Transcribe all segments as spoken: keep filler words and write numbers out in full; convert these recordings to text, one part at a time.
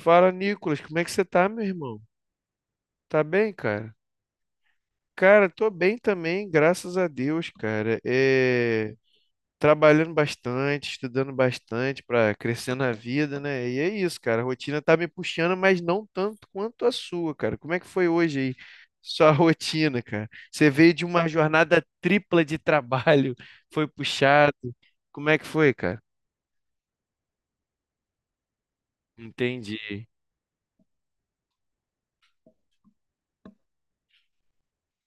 Fala, Nicolas, como é que você tá, meu irmão? Tá bem, cara? Cara, tô bem também, graças a Deus, cara. É... Trabalhando bastante, estudando bastante para crescer na vida, né? E é isso, cara. A rotina tá me puxando, mas não tanto quanto a sua, cara. Como é que foi hoje aí? Sua rotina, cara. Você veio de uma jornada tripla de trabalho, foi puxado. Como é que foi, cara? Entendi.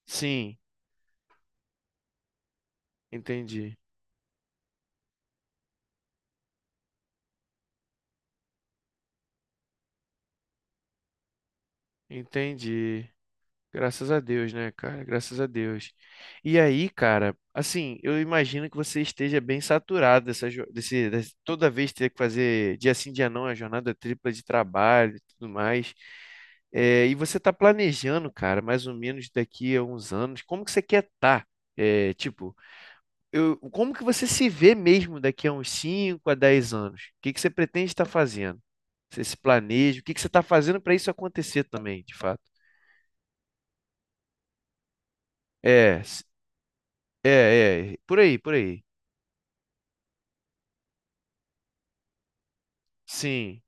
Sim, entendi. Entendi. Graças a Deus, né, cara? Graças a Deus. E aí, cara, assim, eu imagino que você esteja bem saturado dessa, jo- desse, desse- toda vez ter que fazer dia sim, dia não, a jornada tripla de trabalho e tudo mais. É, e você está planejando, cara, mais ou menos daqui a uns anos, como que você quer estar? É, tipo, eu, como que você se vê mesmo daqui a uns cinco a dez anos? O que que você pretende estar fazendo? Você se planeja? O que que você está fazendo para isso acontecer também, de fato? É. É, é, por aí, por aí. Sim,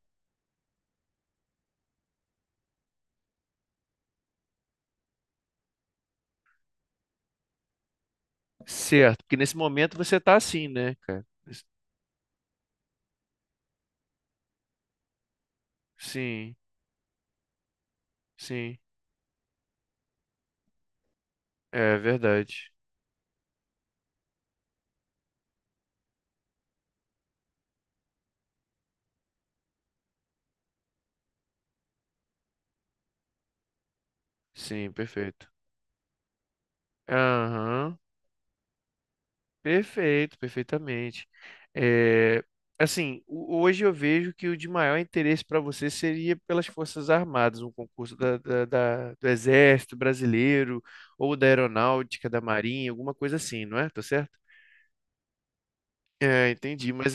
certo. Porque nesse momento você tá assim, né, cara? Sim, sim. É verdade. Sim, perfeito. Aham, perfeito, perfeitamente. É, assim, o- hoje eu vejo que o de maior interesse para você seria pelas Forças Armadas, um concurso da, da- da- do Exército Brasileiro ou da Aeronáutica, da Marinha, alguma coisa assim, não é? Tá certo? É, entendi. Mas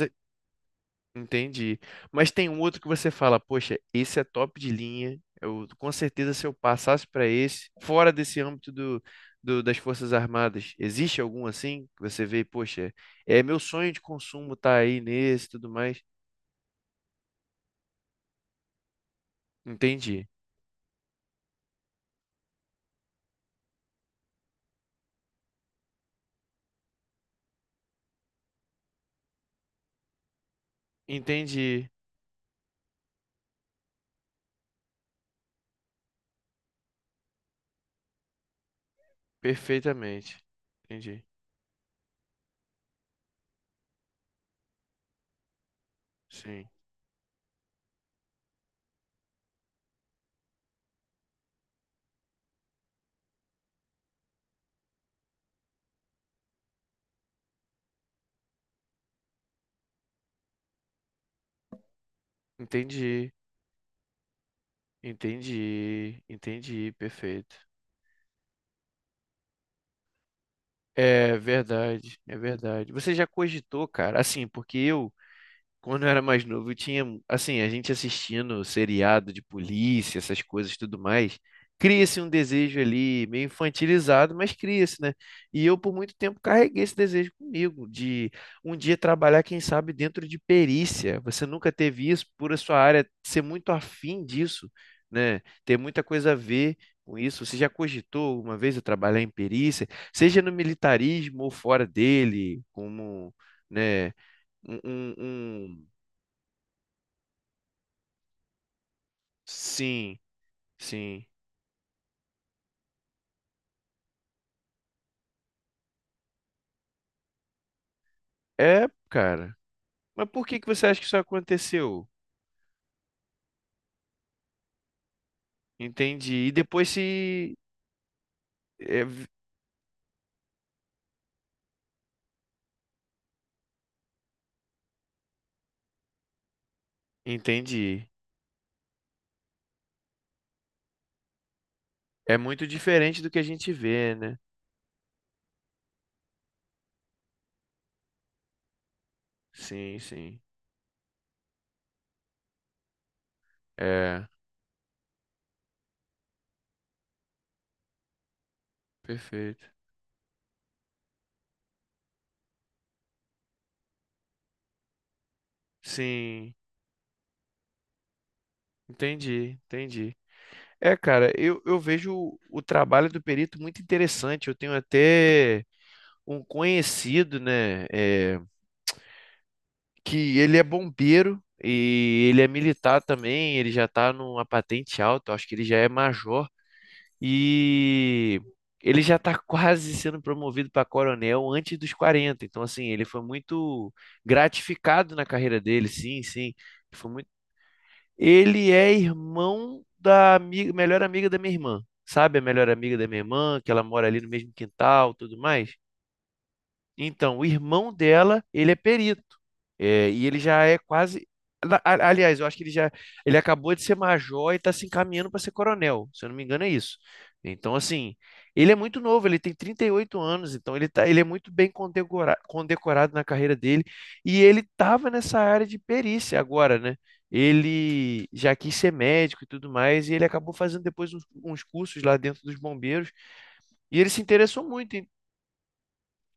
Entendi. Mas tem um outro que você fala, poxa, esse é top de linha. Eu, com certeza, se eu passasse para esse, fora desse âmbito do, do- das Forças Armadas, existe algum assim que você vê, poxa, é meu sonho de consumo tá aí nesse, e tudo mais? Entendi. Entendi perfeitamente. Entendi. Sim. Entendi. Entendi. Entendi. Perfeito. É verdade, é verdade. Você já cogitou, cara? Assim, porque eu quando eu era mais novo, eu tinha, assim, a gente assistindo seriado de polícia, essas coisas e tudo mais, cria-se um desejo ali meio infantilizado, mas cria-se, né? E eu, por muito tempo, carreguei esse desejo comigo, de um dia trabalhar, quem sabe, dentro de perícia. Você nunca teve isso, por a sua área ser muito afim disso, né? Ter muita coisa a ver com isso. Você já cogitou uma vez a trabalhar em perícia, seja no militarismo ou fora dele, como, né? um, um- um Sim, sim. É, cara. Mas por que que você acha que isso aconteceu? Entendi. E depois se. é, v- Entendi. É muito diferente do que a gente vê, né? Sim, sim. É, perfeito. Sim, entendi, entendi. É, cara, eu, eu vejo o trabalho do perito muito interessante. Eu tenho até um conhecido, né? é, que ele é bombeiro e ele é militar também, ele já tá numa patente alta, eu acho que ele já é major e ele já tá quase sendo promovido para coronel antes dos quarenta. Então, assim, ele foi muito gratificado na carreira dele, sim, sim. Foi muito... Ele é irmão da ami- melhor amiga da minha irmã. Sabe a melhor amiga da minha irmã, que ela mora ali no mesmo quintal, tudo mais? Então, o irmão dela, ele é perito. É, e ele já é quase. na- a- Aliás, eu acho que ele já. Ele acabou de ser major e está se encaminhando para ser coronel. Se eu não me engano, é isso. Então, assim, ele é muito novo, ele tem trinta e oito anos, então ele tá, ele é muito bem condecora- condecorado na carreira dele. E ele estava nessa área de perícia agora, né? Ele já quis ser médico e tudo mais, e ele acabou fazendo depois uns, uns cursos lá dentro dos bombeiros. E ele se interessou muito.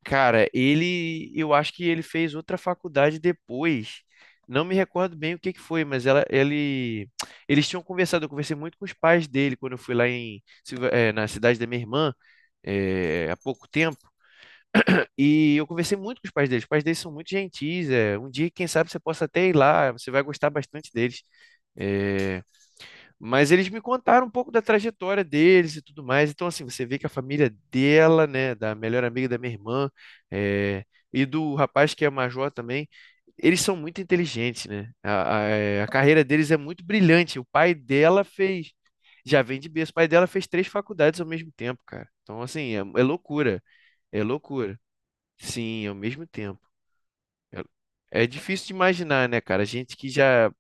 Cara, ele, eu acho que ele fez outra faculdade depois. Não me recordo bem o que que foi, mas ela, ele, eles tinham conversado. Eu conversei muito com os pais dele quando eu fui lá em, Silva- eh, na cidade da minha irmã, eh, há pouco tempo. E eu conversei muito com os pais deles. Os pais deles são muito gentis. é Um dia, quem sabe, você possa até ir lá. Você vai gostar bastante deles. Eh, mas eles me contaram um pouco da trajetória deles e tudo mais. Então, assim, você vê que a família dela, né, da melhor amiga da minha irmã, eh, e do rapaz que é major também, eles são muito inteligentes, né? A, a, eh, a carreira deles é muito brilhante. O pai dela fez, já vem de berço, o pai dela fez três faculdades ao mesmo tempo, cara. Então, assim, é, é loucura, é loucura. Sim, ao mesmo tempo. É, é difícil de imaginar, né, cara? A gente que já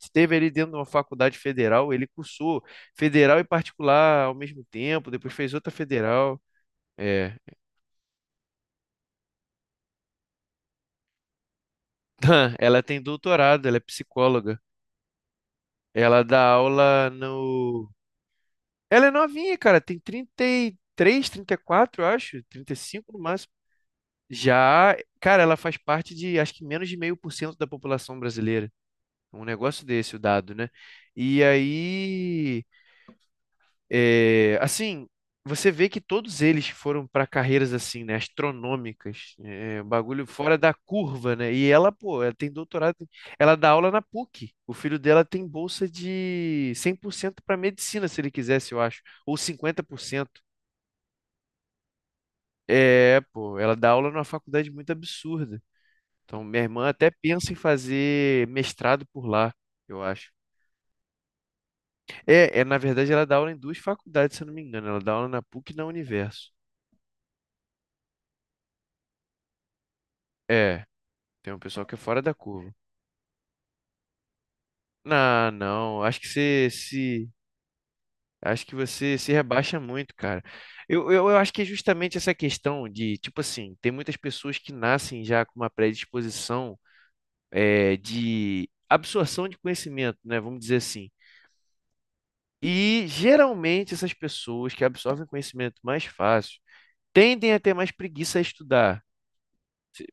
esteve ali dentro de uma faculdade federal, ele cursou federal e particular ao mesmo tempo, depois fez outra federal. É. Ela tem doutorado, ela é psicóloga. Ela dá aula no. Ela é novinha, cara, tem trinta e três, trinta e quatro, eu acho, trinta e cinco no máximo. Já, cara, ela faz parte de acho que menos de meio por cento da população brasileira. Um negócio desse, o dado, né? E aí. É, assim, você vê que todos eles foram para carreiras assim, né, astronômicas, é, bagulho fora da curva, né? E ela, pô, ela tem doutorado, ela dá aula na PUC. O filho dela tem bolsa de cem por cento para medicina, se ele quisesse, eu acho, ou cinquenta por cento. É, pô, ela dá aula numa faculdade muito absurda. Então, minha irmã até pensa em fazer mestrado por lá, eu acho. É, é, na verdade, ela dá aula em duas faculdades, se eu não me engano. Ela dá aula na PUC e na Universo. É, tem um pessoal que é fora da curva. Não, não. Acho que você se. Acho que você se rebaixa muito, cara. Eu, eu, eu acho que é justamente essa questão de, tipo assim, tem muitas pessoas que nascem já com uma predisposição é, de absorção de conhecimento, né? Vamos dizer assim. E geralmente essas pessoas que absorvem conhecimento mais fácil tendem a ter mais preguiça a estudar.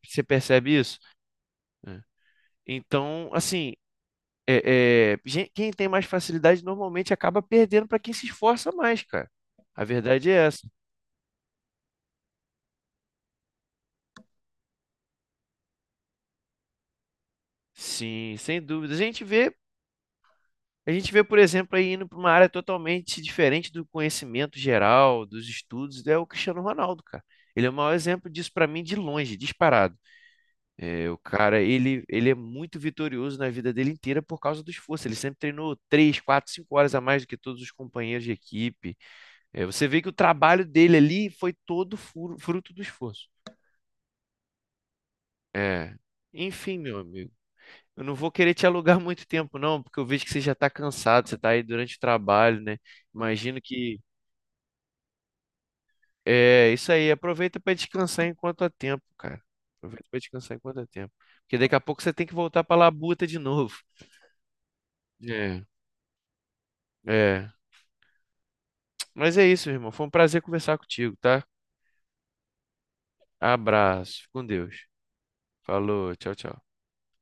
Você percebe isso? É. Então, assim, é, é, gen- quem tem mais facilidade normalmente acaba perdendo para quem se esforça mais, cara. A verdade é essa. Sim, sem dúvida. A gente vê, a gente vê, por exemplo, aí indo para uma área totalmente diferente do conhecimento geral, dos estudos, é o Cristiano Ronaldo, cara. Ele é o maior exemplo disso para mim de longe, disparado. É, o cara, ele, ele é muito vitorioso na vida dele inteira por causa do esforço. Ele sempre treinou três, quatro, cinco horas a mais do que todos os companheiros de equipe. É, você vê que o trabalho dele ali foi todo furo- fruto do esforço. É. Enfim, meu amigo. Eu não vou querer te alugar muito tempo, não, porque eu vejo que você já está cansado, você está aí durante o trabalho, né? Imagino que. É, isso aí. Aproveita para descansar enquanto há tempo, cara. Aproveita para descansar enquanto há tempo. Porque daqui a pouco você tem que voltar para labuta de novo. É, é. Mas é isso, irmão. Foi um prazer conversar contigo, tá? Abraço. Fica Com Deus. Falou. Tchau, tchau.